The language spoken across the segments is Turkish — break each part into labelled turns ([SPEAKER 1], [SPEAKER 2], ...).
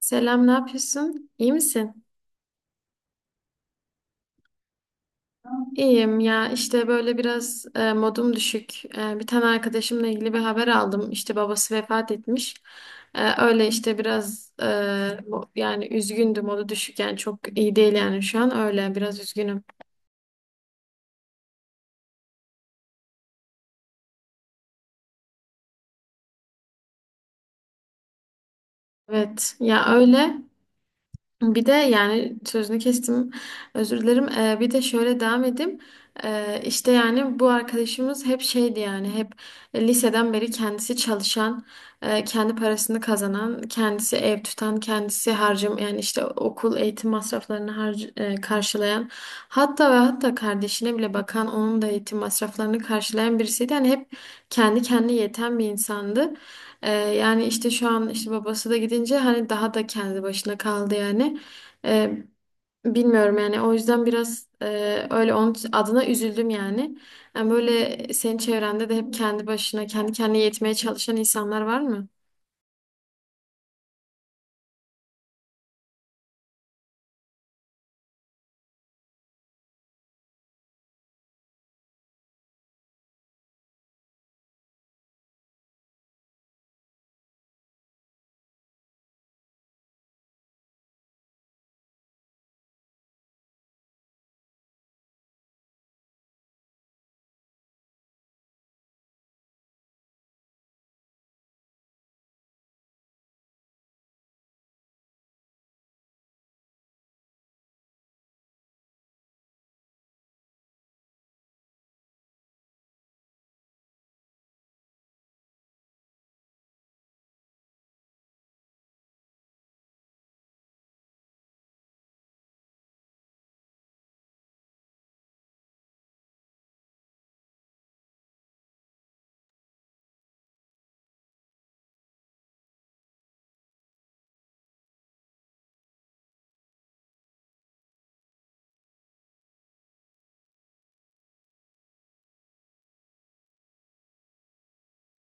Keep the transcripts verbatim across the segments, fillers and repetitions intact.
[SPEAKER 1] Selam, ne yapıyorsun? İyi misin? İyiyim ya işte böyle biraz e, modum düşük. E, bir tane arkadaşımla ilgili bir haber aldım. İşte babası vefat etmiş. E, öyle işte biraz e, mo- yani üzgündüm, modu düşük, yani çok iyi değil, yani şu an öyle biraz üzgünüm. Evet ya öyle. Bir de yani sözünü kestim, özür dilerim. Ee, bir de şöyle devam edeyim. Ee, işte yani bu arkadaşımız hep şeydi, yani hep liseden beri kendisi çalışan, e, kendi parasını kazanan, kendisi ev tutan, kendisi harcım, yani işte okul eğitim masraflarını harc e, karşılayan, hatta ve hatta kardeşine bile bakan, onun da eğitim masraflarını karşılayan birisiydi. Yani hep kendi kendine yeten bir insandı. Ee, yani işte şu an işte babası da gidince hani daha da kendi başına kaldı yani. Ee, Bilmiyorum yani, o yüzden biraz e, öyle onun adına üzüldüm yani. Yani böyle senin çevrende de hep kendi başına, kendi kendine yetmeye çalışan insanlar var mı?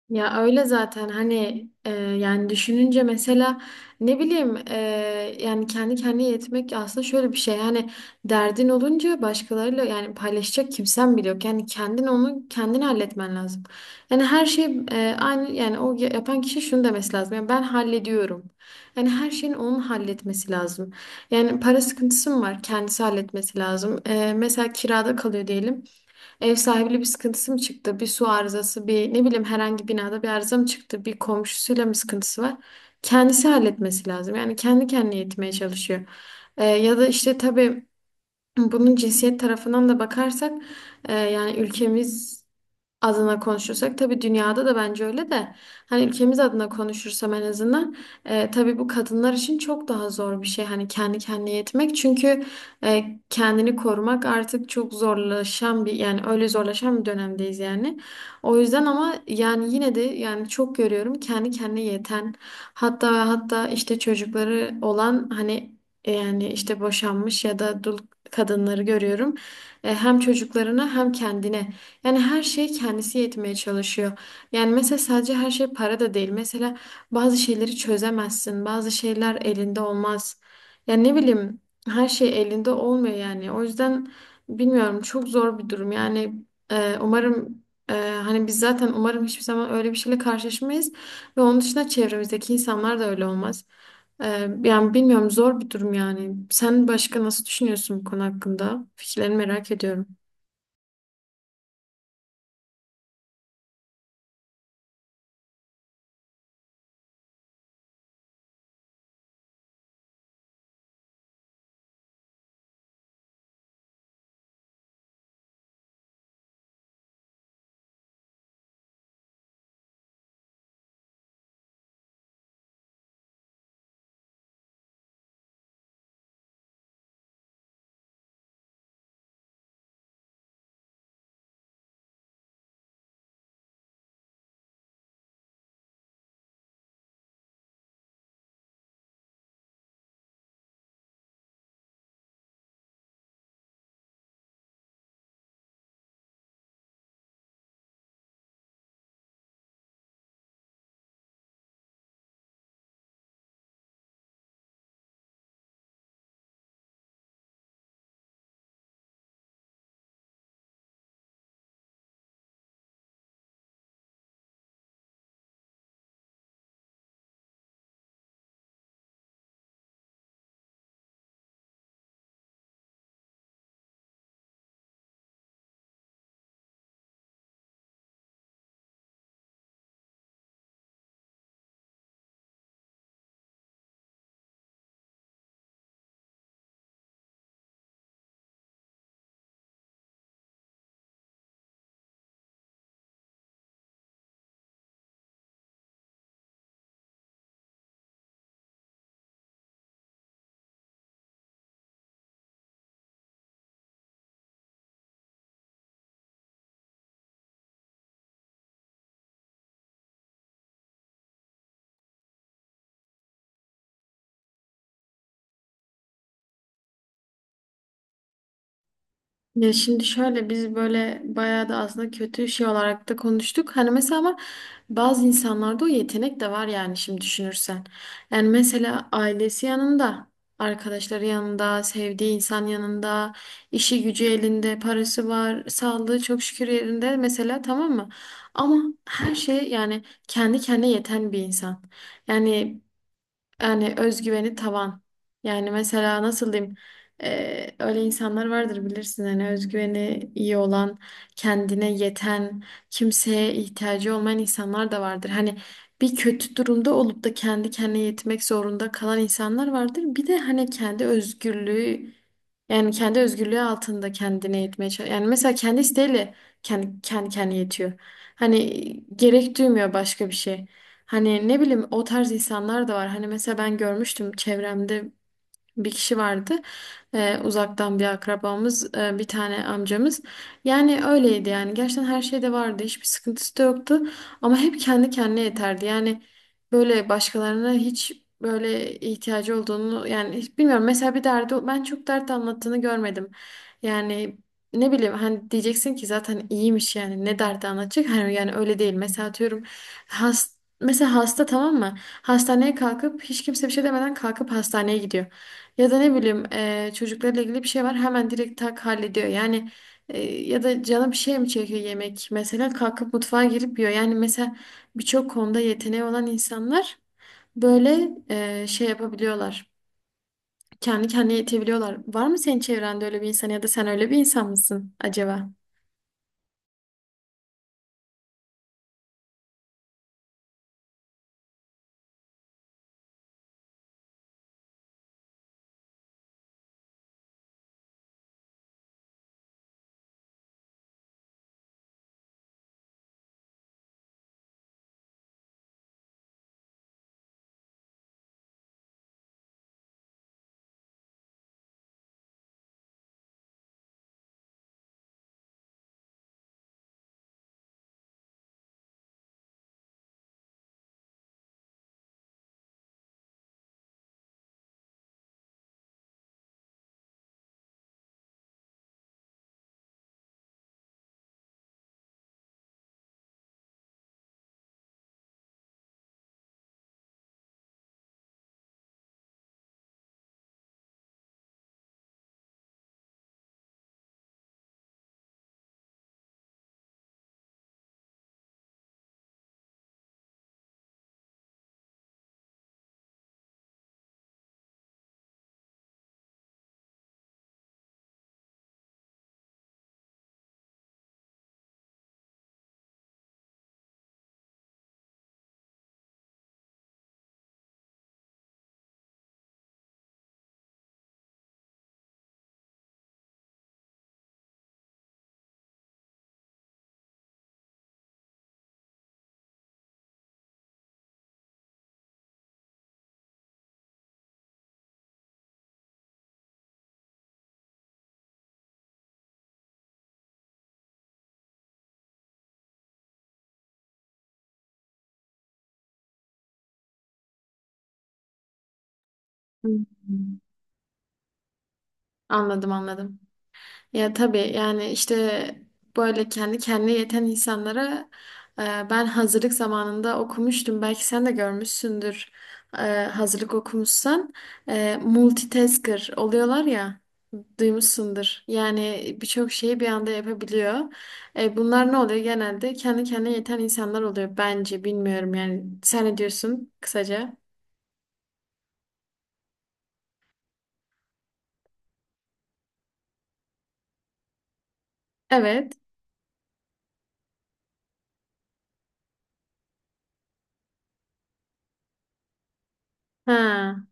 [SPEAKER 1] Ya öyle zaten, hani e, yani düşününce mesela, ne bileyim, e, yani kendi kendine yetmek aslında şöyle bir şey yani, derdin olunca başkalarıyla yani paylaşacak kimsen bile yok, yani kendin onu kendin halletmen lazım. Yani her şey e, aynı, yani o ya- yapan kişi şunu demesi lazım yani: ben hallediyorum. Yani her şeyin onun halletmesi lazım. Yani para sıkıntısı mı var, kendisi halletmesi lazım. E, mesela kirada kalıyor diyelim. Ev sahibiyle bir sıkıntısı mı çıktı? Bir su arızası, bir ne bileyim herhangi binada bir arıza mı çıktı? Bir komşusuyla mı sıkıntısı var? Kendisi halletmesi lazım. Yani kendi kendine yetmeye çalışıyor. Ee, ya da işte tabii bunun cinsiyet tarafından da bakarsak, e, yani ülkemiz adına konuşursak, tabii dünyada da bence öyle de, hani ülkemiz adına konuşursam en azından, e, tabii bu kadınlar için çok daha zor bir şey, hani kendi kendine yetmek, çünkü e, kendini korumak artık çok zorlaşan bir, yani öyle zorlaşan bir dönemdeyiz yani, o yüzden. Ama yani yine de yani çok görüyorum kendi kendine yeten, hatta ve hatta işte çocukları olan, hani yani işte boşanmış ya da dul kadınları görüyorum. E, hem çocuklarına hem kendine, yani her şey kendisi yetmeye çalışıyor. Yani mesela sadece her şey para da değil. Mesela bazı şeyleri çözemezsin. Bazı şeyler elinde olmaz. Yani ne bileyim, her şey elinde olmuyor yani. O yüzden bilmiyorum, çok zor bir durum. Yani e, umarım, e, hani biz zaten umarım hiçbir zaman öyle bir şeyle karşılaşmayız. Ve onun dışında çevremizdeki insanlar da öyle olmaz. E, Yani bilmiyorum, zor bir durum yani. Sen başka nasıl düşünüyorsun bu konu hakkında? Fikirlerini merak ediyorum. Ya şimdi şöyle, biz böyle bayağı da aslında kötü şey olarak da konuştuk. Hani mesela ama bazı insanlarda o yetenek de var yani, şimdi düşünürsen. Yani mesela ailesi yanında, arkadaşları yanında, sevdiği insan yanında, işi gücü elinde, parası var, sağlığı çok şükür yerinde mesela, tamam mı? Ama her şey yani kendi kendine yeten bir insan. Yani yani özgüveni tavan. Yani mesela nasıl diyeyim? Ee, öyle insanlar vardır bilirsin, hani özgüveni iyi olan, kendine yeten, kimseye ihtiyacı olmayan insanlar da vardır. Hani bir kötü durumda olup da kendi kendine yetmek zorunda kalan insanlar vardır. Bir de hani kendi özgürlüğü, yani kendi özgürlüğü altında kendine yetmeye çalışan. Yani mesela kendi isteğiyle kendi, kendi kendine yetiyor. Hani gerek duymuyor başka bir şey. Hani ne bileyim, o tarz insanlar da var. Hani mesela ben görmüştüm çevremde, bir kişi vardı. Ee, uzaktan bir akrabamız, e, bir tane amcamız. Yani öyleydi yani. Gerçekten her şeyde vardı. Hiçbir sıkıntısı da yoktu. Ama hep kendi kendine yeterdi. Yani böyle başkalarına hiç böyle ihtiyacı olduğunu yani hiç bilmiyorum. Mesela bir derdi, ben çok dert anlattığını görmedim. Yani ne bileyim, hani diyeceksin ki zaten iyiymiş yani, ne derdi anlatacak hani, yani öyle değil. Mesela atıyorum, has, mesela hasta, tamam mı, hastaneye kalkıp hiç kimse bir şey demeden kalkıp hastaneye gidiyor. Ya da ne bileyim, eee, çocuklarla ilgili bir şey var, hemen direkt tak hallediyor. Yani eee, ya da canı bir şey mi çekiyor, yemek mesela, kalkıp mutfağa girip yiyor. Yani mesela birçok konuda yeteneği olan insanlar böyle eee, şey yapabiliyorlar. Kendi kendine yetebiliyorlar. Var mı senin çevrende öyle bir insan, ya da sen öyle bir insan mısın acaba? Hmm. Anladım, anladım. Ya tabii yani işte böyle kendi kendine yeten insanlara, e, ben hazırlık zamanında okumuştum. Belki sen de görmüşsündür, e, hazırlık okumuşsan. E, multitasker oluyorlar ya, duymuşsundur. Yani birçok şeyi bir anda yapabiliyor. E, bunlar ne oluyor genelde? Kendi kendine yeten insanlar oluyor bence, bilmiyorum yani. Sen ne diyorsun kısaca? Evet. Ha.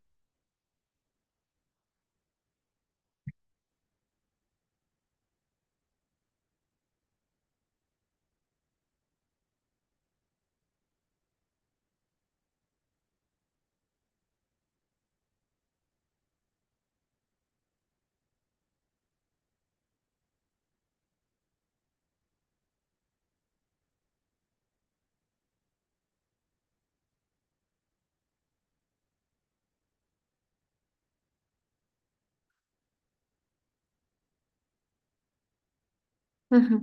[SPEAKER 1] Hı hı.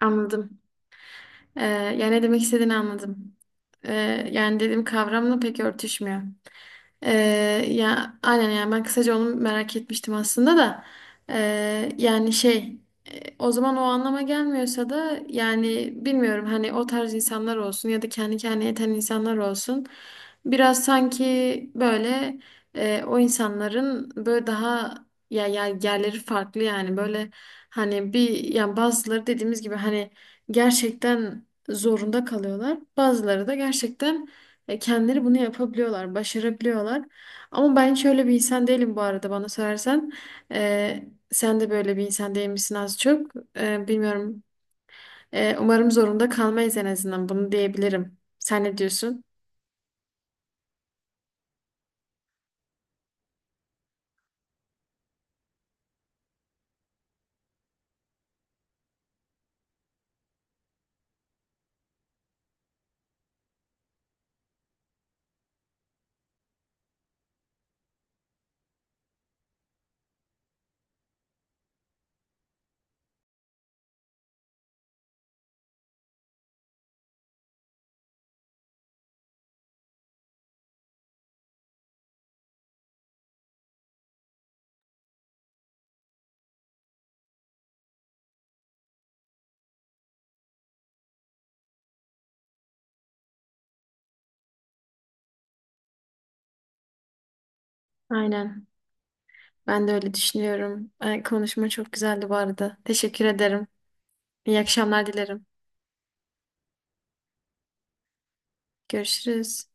[SPEAKER 1] Anladım. Ee, Yani ne demek istediğini anladım. Ee, yani dediğim kavramla pek örtüşmüyor. Ee, Ya aynen, yani ben kısaca onu merak etmiştim aslında da. Ee, yani şey, e, o zaman o anlama gelmiyorsa da yani, bilmiyorum, hani o tarz insanlar olsun ya da kendi kendine yeten insanlar olsun, biraz sanki böyle, e, o insanların böyle daha ya, ya yerleri farklı, yani böyle hani bir, yani bazıları dediğimiz gibi hani gerçekten zorunda kalıyorlar, bazıları da gerçekten e, kendileri bunu yapabiliyorlar, başarabiliyorlar. Ama ben şöyle bir insan değilim bu arada, bana sorarsan. E, sen de böyle bir insan değil misin az çok? E, bilmiyorum. E, umarım zorunda kalmayız, en azından bunu diyebilirim. Sen ne diyorsun? Aynen. Ben de öyle düşünüyorum. E, konuşma çok güzeldi bu arada. Teşekkür ederim. İyi akşamlar dilerim. Görüşürüz.